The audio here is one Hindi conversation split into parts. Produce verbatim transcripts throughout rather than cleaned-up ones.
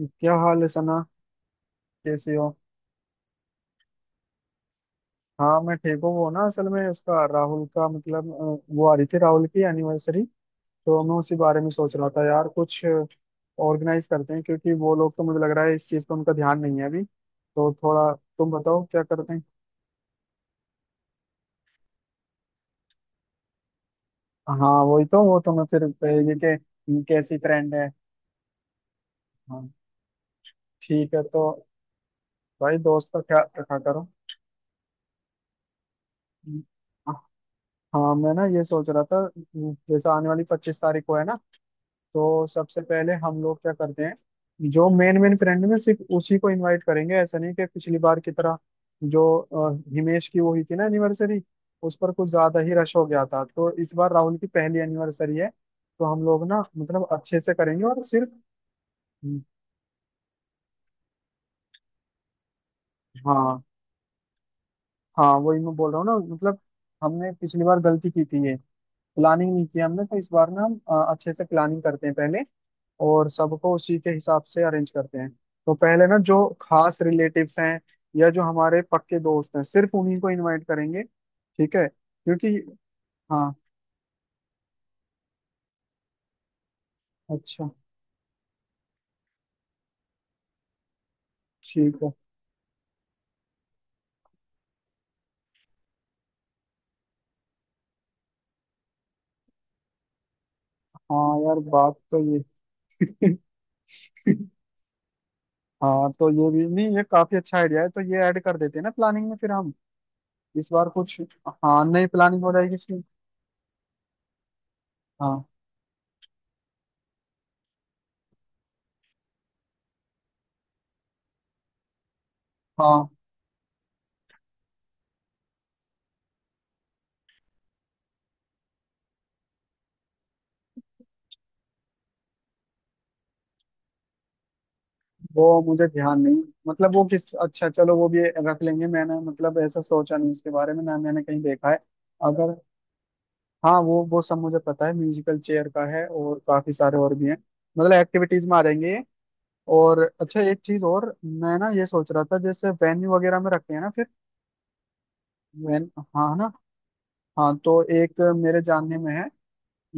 क्या हाल है सना? कैसे हो? हाँ, मैं ठीक हूँ। वो ना, असल में उसका राहुल का मतलब अ, वो आ रही थी राहुल की एनिवर्सरी, तो मैं उसी बारे में सोच रहा था यार। कुछ ऑर्गेनाइज करते हैं, क्योंकि वो लोग तो मुझे लग रहा है इस चीज़ पर उनका ध्यान नहीं है अभी, तो थोड़ा तुम बताओ क्या करते हैं। हाँ, वही तो। वो तो मैं फिर कहेगी कि कैसी फ्रेंड है। हाँ। ठीक है तो भाई दोस्त का ख्याल रखा करो। हाँ, मैं ना ये सोच रहा था जैसे आने वाली पच्चीस तारीख को है ना, तो सबसे पहले हम लोग क्या करते हैं जो मेन मेन फ्रेंड में सिर्फ उसी को इनवाइट करेंगे, ऐसा नहीं कि पिछली बार की तरह जो अ, हिमेश की वो हुई थी ना एनिवर्सरी, उस पर कुछ ज्यादा ही रश हो गया था। तो इस बार राहुल की पहली एनिवर्सरी है, तो हम लोग ना मतलब अच्छे से करेंगे और सिर्फ हाँ। हाँ, वही मैं बोल रहा हूँ ना मतलब। हमने पिछली बार गलती की थी, ये प्लानिंग नहीं किया हमने, तो इस बार ना हम अ, अच्छे से प्लानिंग करते हैं पहले, और सबको उसी के हिसाब से अरेंज करते हैं। तो पहले ना जो खास रिलेटिव्स हैं या जो हमारे पक्के दोस्त हैं सिर्फ उन्हीं को इनवाइट करेंगे। ठीक है, क्योंकि हाँ। अच्छा। ठीक है। हाँ, यार बात तो ये। हाँ, तो ये भी नहीं, ये काफी अच्छा आइडिया है, तो ये ऐड कर देते हैं ना प्लानिंग में फिर हम। इस बार कुछ हाँ नई प्लानिंग हो जाएगी इसकी। हाँ। हाँ, वो मुझे ध्यान नहीं। मतलब वो किस, अच्छा चलो वो भी रख लेंगे। मैंने मतलब ऐसा सोचा नहीं उसके बारे में, ना मैंने कहीं देखा है। अगर हाँ वो वो सब मुझे पता है। म्यूजिकल चेयर का है और काफी सारे और भी हैं। मतलब एक्टिविटीज में आ जाएंगे ये। और अच्छा एक चीज और मैं ना ये सोच रहा था, जैसे वेन्यू वगैरह में रखते हैं ना फिर वेन। हाँ, है ना? हाँ, तो एक मेरे जानने में है।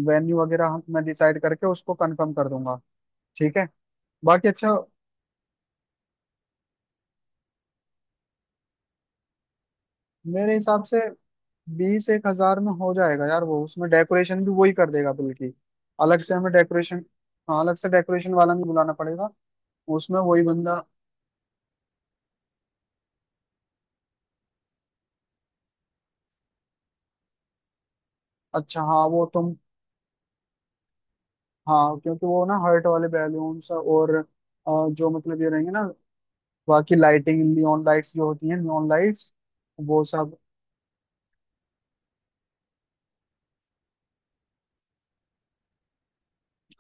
वेन्यू वगैरह हम- मैं डिसाइड करके उसको कंफर्म कर दूंगा। ठीक है, बाकी अच्छा। मेरे हिसाब से बीस एक हजार में हो जाएगा यार, वो उसमें डेकोरेशन भी वही कर देगा, बल्कि अलग से हमें डेकोरेशन हाँ, अलग से डेकोरेशन वाला नहीं बुलाना पड़ेगा। उसमें वही बंदा। अच्छा, हाँ वो तुम। हाँ, क्योंकि वो ना हर्ट वाले बैलून्स और अ, जो मतलब ये रहेंगे ना। बाकी लाइटिंग नियॉन लाइट्स जो होती हैं नियॉन लाइट्स, वो सब।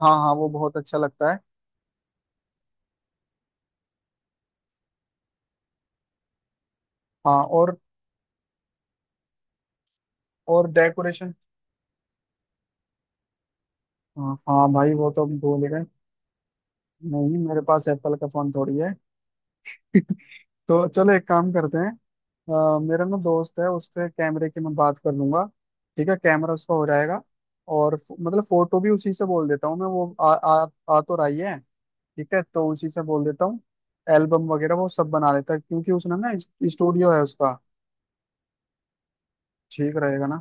हाँ, हाँ वो बहुत अच्छा लगता है। हाँ और और डेकोरेशन हाँ, हाँ भाई वो तो हम भूल ही गए। नहीं, मेरे पास एप्पल का फोन थोड़ी है। तो चलो एक काम करते हैं, अ, मेरा ना दोस्त है उससे कैमरे की मैं बात कर लूंगा। ठीक है, कैमरा उसका हो जाएगा। और फो- मतलब फोटो भी उसी से बोल देता हूँ मैं वो आ, आ, आ तो रही है। ठीक है, तो उसी से बोल देता हूँ। एल्बम वगैरह वो सब बना लेता है, क्योंकि उसने ना स्टूडियो है उसका। ठीक रहेगा ना?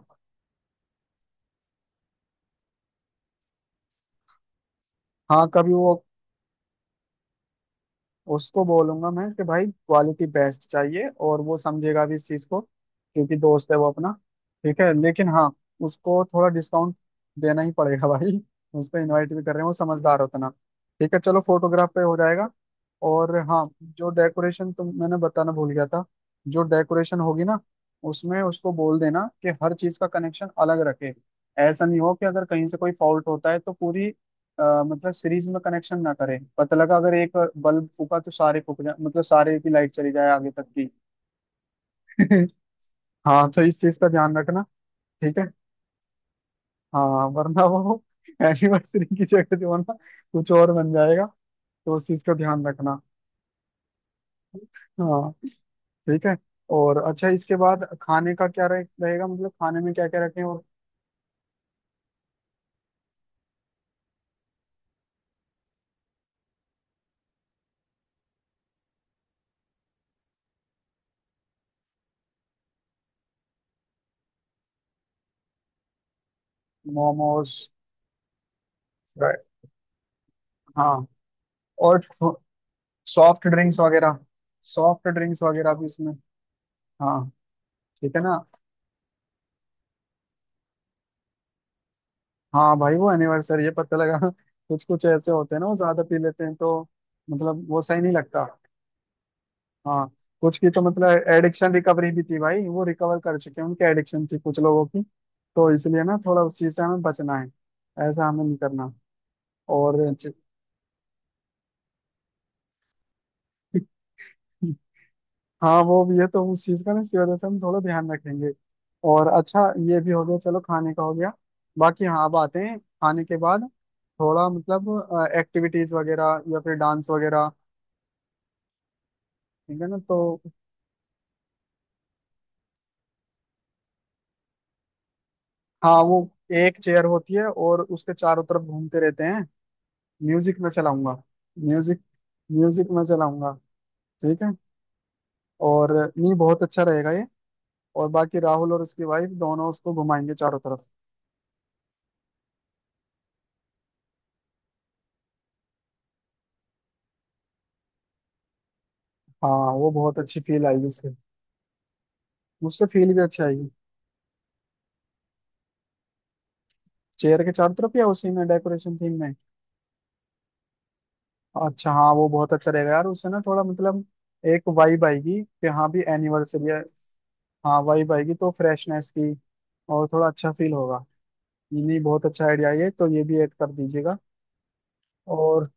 हाँ कभी वो उसको बोलूंगा मैं कि भाई क्वालिटी बेस्ट चाहिए, और वो समझेगा भी इस चीज को क्योंकि दोस्त है वो अपना। ठीक है, लेकिन हाँ उसको थोड़ा डिस्काउंट देना ही पड़ेगा भाई। उसको इनवाइट भी कर रहे हैं, वो समझदार होता ना। ठीक है, चलो फोटोग्राफ पे हो जाएगा। और हाँ, जो डेकोरेशन तुम मैंने बताना भूल गया था, जो डेकोरेशन होगी ना, उसमें उसको बोल देना कि हर चीज का कनेक्शन अलग रखे। ऐसा नहीं हो कि अगर कहीं से कोई फॉल्ट होता है तो पूरी अ, मतलब सीरीज में कनेक्शन ना करे, पता लगा अगर एक बल्ब फूका तो सारे फूक जाए, मतलब सारे की लाइट चली जाए आगे तक की। हाँ, तो इस चीज का ध्यान रखना। ठीक है, हाँ, वरना वो एनिवर्सरी की जगह जो है ना, कुछ और बन जाएगा। तो उस चीज का ध्यान रखना। हाँ। ठीक है। और अच्छा इसके बाद खाने का क्या रहे- रहेगा, मतलब खाने में क्या क्या रखें? और मोमोज। Right. हाँ और सॉफ्ट ड्रिंक्स वगैरह, सॉफ्ट ड्रिंक्स वगैरह भी इसमें। हाँ। ठीक है ना। हाँ भाई वो एनिवर्सरी है, पता लगा। कुछ कुछ ऐसे होते हैं ना वो ज्यादा पी लेते हैं, तो मतलब वो सही नहीं लगता। हाँ, कुछ की तो मतलब एडिक्शन रिकवरी भी थी भाई, वो रिकवर कर चुके हैं, उनकी एडिक्शन थी कुछ लोगों की। तो इसलिए ना थोड़ा उस चीज से हमें बचना है। ऐसा हमें नहीं करना। और हाँ, वो भी है, तो उस चीज का ना इसी वजह से हम थोड़ा ध्यान रखेंगे। और अच्छा, ये भी हो गया, चलो खाने का हो गया। बाकी हाँ, अब आते हैं खाने के बाद थोड़ा मतलब एक्टिविटीज वगैरह या फिर डांस वगैरह। ठीक है ना? तो हाँ, वो एक चेयर होती है और उसके चारों तरफ घूमते रहते हैं। म्यूजिक में चलाऊंगा। म्यूजिक, म्यूजिक में चलाऊंगा। ठीक है। और नहीं, बहुत अच्छा रहेगा ये। और बाकी राहुल और उसकी वाइफ दोनों उसको घुमाएंगे चारों तरफ। हाँ, वो बहुत अच्छी फील आएगी उससे। मुझसे फील भी अच्छी आएगी। चेयर के चारों तरफ या उसी में डेकोरेशन थीम में? अच्छा, हाँ वो बहुत अच्छा रहेगा यार, उससे ना थोड़ा मतलब एक वाइब आएगी कि हाँ भी एनिवर्सरी है। हाँ, वाइब आएगी तो फ्रेशनेस की। और थोड़ा अच्छा फील होगा। ये नहीं, बहुत अच्छा आइडिया है ये, तो ये भी ऐड कर दीजिएगा। और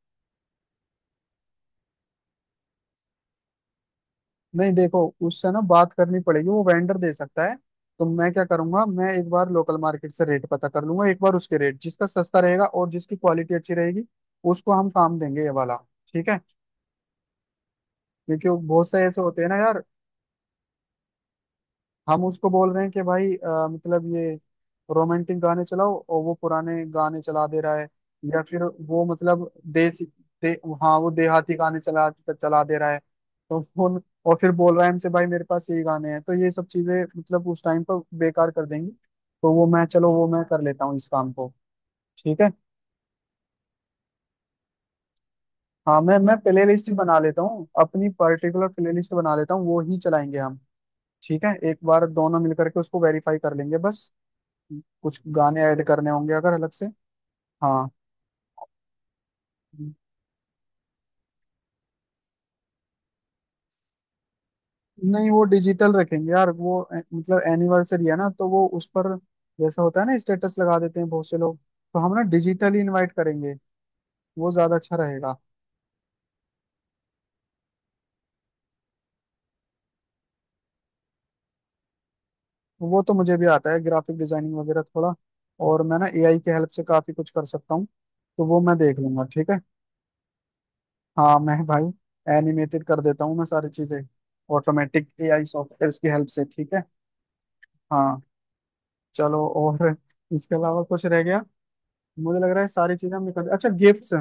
नहीं, देखो उससे ना बात करनी पड़ेगी, वो वेंडर दे सकता है। तो मैं क्या करूंगा मैं एक बार लोकल मार्केट से रेट पता कर लूंगा एक बार, उसके रेट जिसका सस्ता रहेगा और जिसकी क्वालिटी अच्छी रहेगी उसको हम काम देंगे ये वाला। ठीक है, क्योंकि वो बहुत से ऐसे होते हैं ना यार। हम उसको बोल रहे हैं कि भाई अ, मतलब ये रोमांटिक गाने चलाओ और वो पुराने गाने चला दे रहा है। या फिर वो मतलब देसी दे, हाँ वो देहाती गाने चला चला दे रहा है। तो फोन और फिर बोल रहा है हमसे भाई मेरे पास यही गाने हैं, तो ये सब चीजें मतलब उस टाइम पर बेकार कर देंगी। तो वो मैं, चलो वो मैं कर लेता हूँ इस काम को। ठीक है, हाँ मैं मैं प्ले लिस्ट बना लेता हूँ, अपनी पर्टिकुलर प्ले लिस्ट बना लेता हूँ, वो ही चलाएंगे हम। ठीक है, एक बार दोनों मिलकर के उसको वेरीफाई कर लेंगे बस, कुछ गाने ऐड करने होंगे अगर अलग से। हाँ। नहीं, वो डिजिटल रखेंगे यार, वो ए- मतलब एनिवर्सरी है ना, तो वो उस पर जैसा होता है ना स्टेटस लगा देते हैं बहुत से लोग, तो हम ना डिजिटली इनवाइट करेंगे, वो ज्यादा अच्छा रहेगा। वो तो मुझे भी आता है ग्राफिक डिजाइनिंग वगैरह थोड़ा, और मैं ना एआई के हेल्प से काफी कुछ कर सकता हूँ, तो वो मैं देख लूंगा। ठीक है, हाँ मैं भाई एनिमेटेड कर देता हूँ मैं सारी चीजें, ऑटोमेटिक एआई सॉफ्टवेयर की हेल्प से। ठीक है, हाँ चलो। और इसके अलावा कुछ रह गया? मुझे लग रहा है सारी चीजें हमने कर दी। अच्छा गिफ्ट।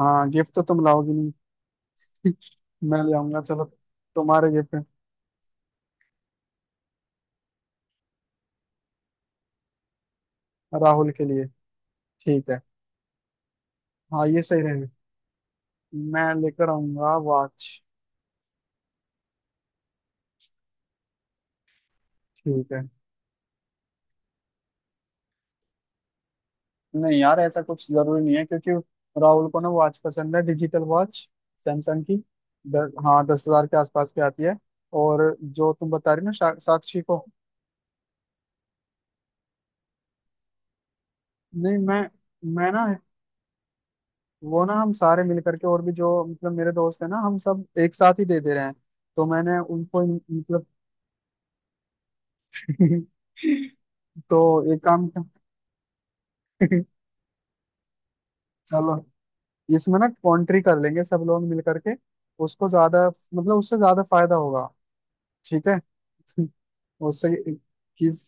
हाँ, गिफ्ट तो तुम लाओगी नहीं। मैं ले आऊंगा, चलो तुम्हारे गिफ्ट। राहुल के लिए ठीक है। हाँ ये सही रहेगा। मैं लेकर आऊंगा वॉच। ठीक है, नहीं यार ऐसा कुछ जरूरी नहीं है, क्योंकि राहुल को ना वॉच पसंद है डिजिटल वॉच, सैमसंग की। द, हाँ दस हजार के आसपास की आती है। और जो तुम बता रही हो ना शा, साक्षी को, नहीं मैं मैं ना, वो ना हम सारे मिल करके और भी जो मतलब मेरे दोस्त हैं ना हम सब एक साथ ही दे दे रहे हैं, तो मैंने उनको इन- मतलब तो एक काम। चलो, इसमें ना कॉन्ट्री कर लेंगे सब लोग मिल करके, उसको ज्यादा मतलब उससे ज्यादा फायदा होगा। ठीक है। उससे किस,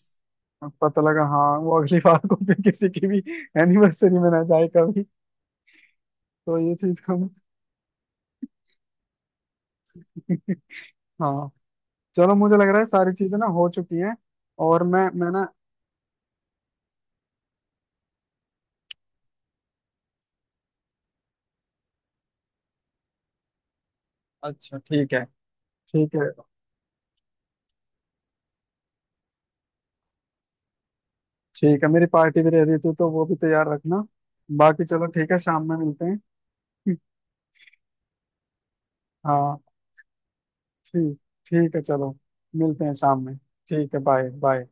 पता लगा हाँ वो अगली बार को फिर किसी की भी एनिवर्सरी में ना जाए कभी, तो ये चीज हम। हाँ चलो, मुझे लग रहा है सारी चीजें ना हो चुकी हैं। और मैं मैं ना अच्छा ठीक है। ठीक है ठीक है, मेरी पार्टी भी रेडी थी, तो वो भी तैयार रखना। बाकी चलो ठीक है, शाम में मिलते हैं। हाँ, ठीक ठीक है चलो, मिलते हैं शाम में। ठीक है, बाय बाय।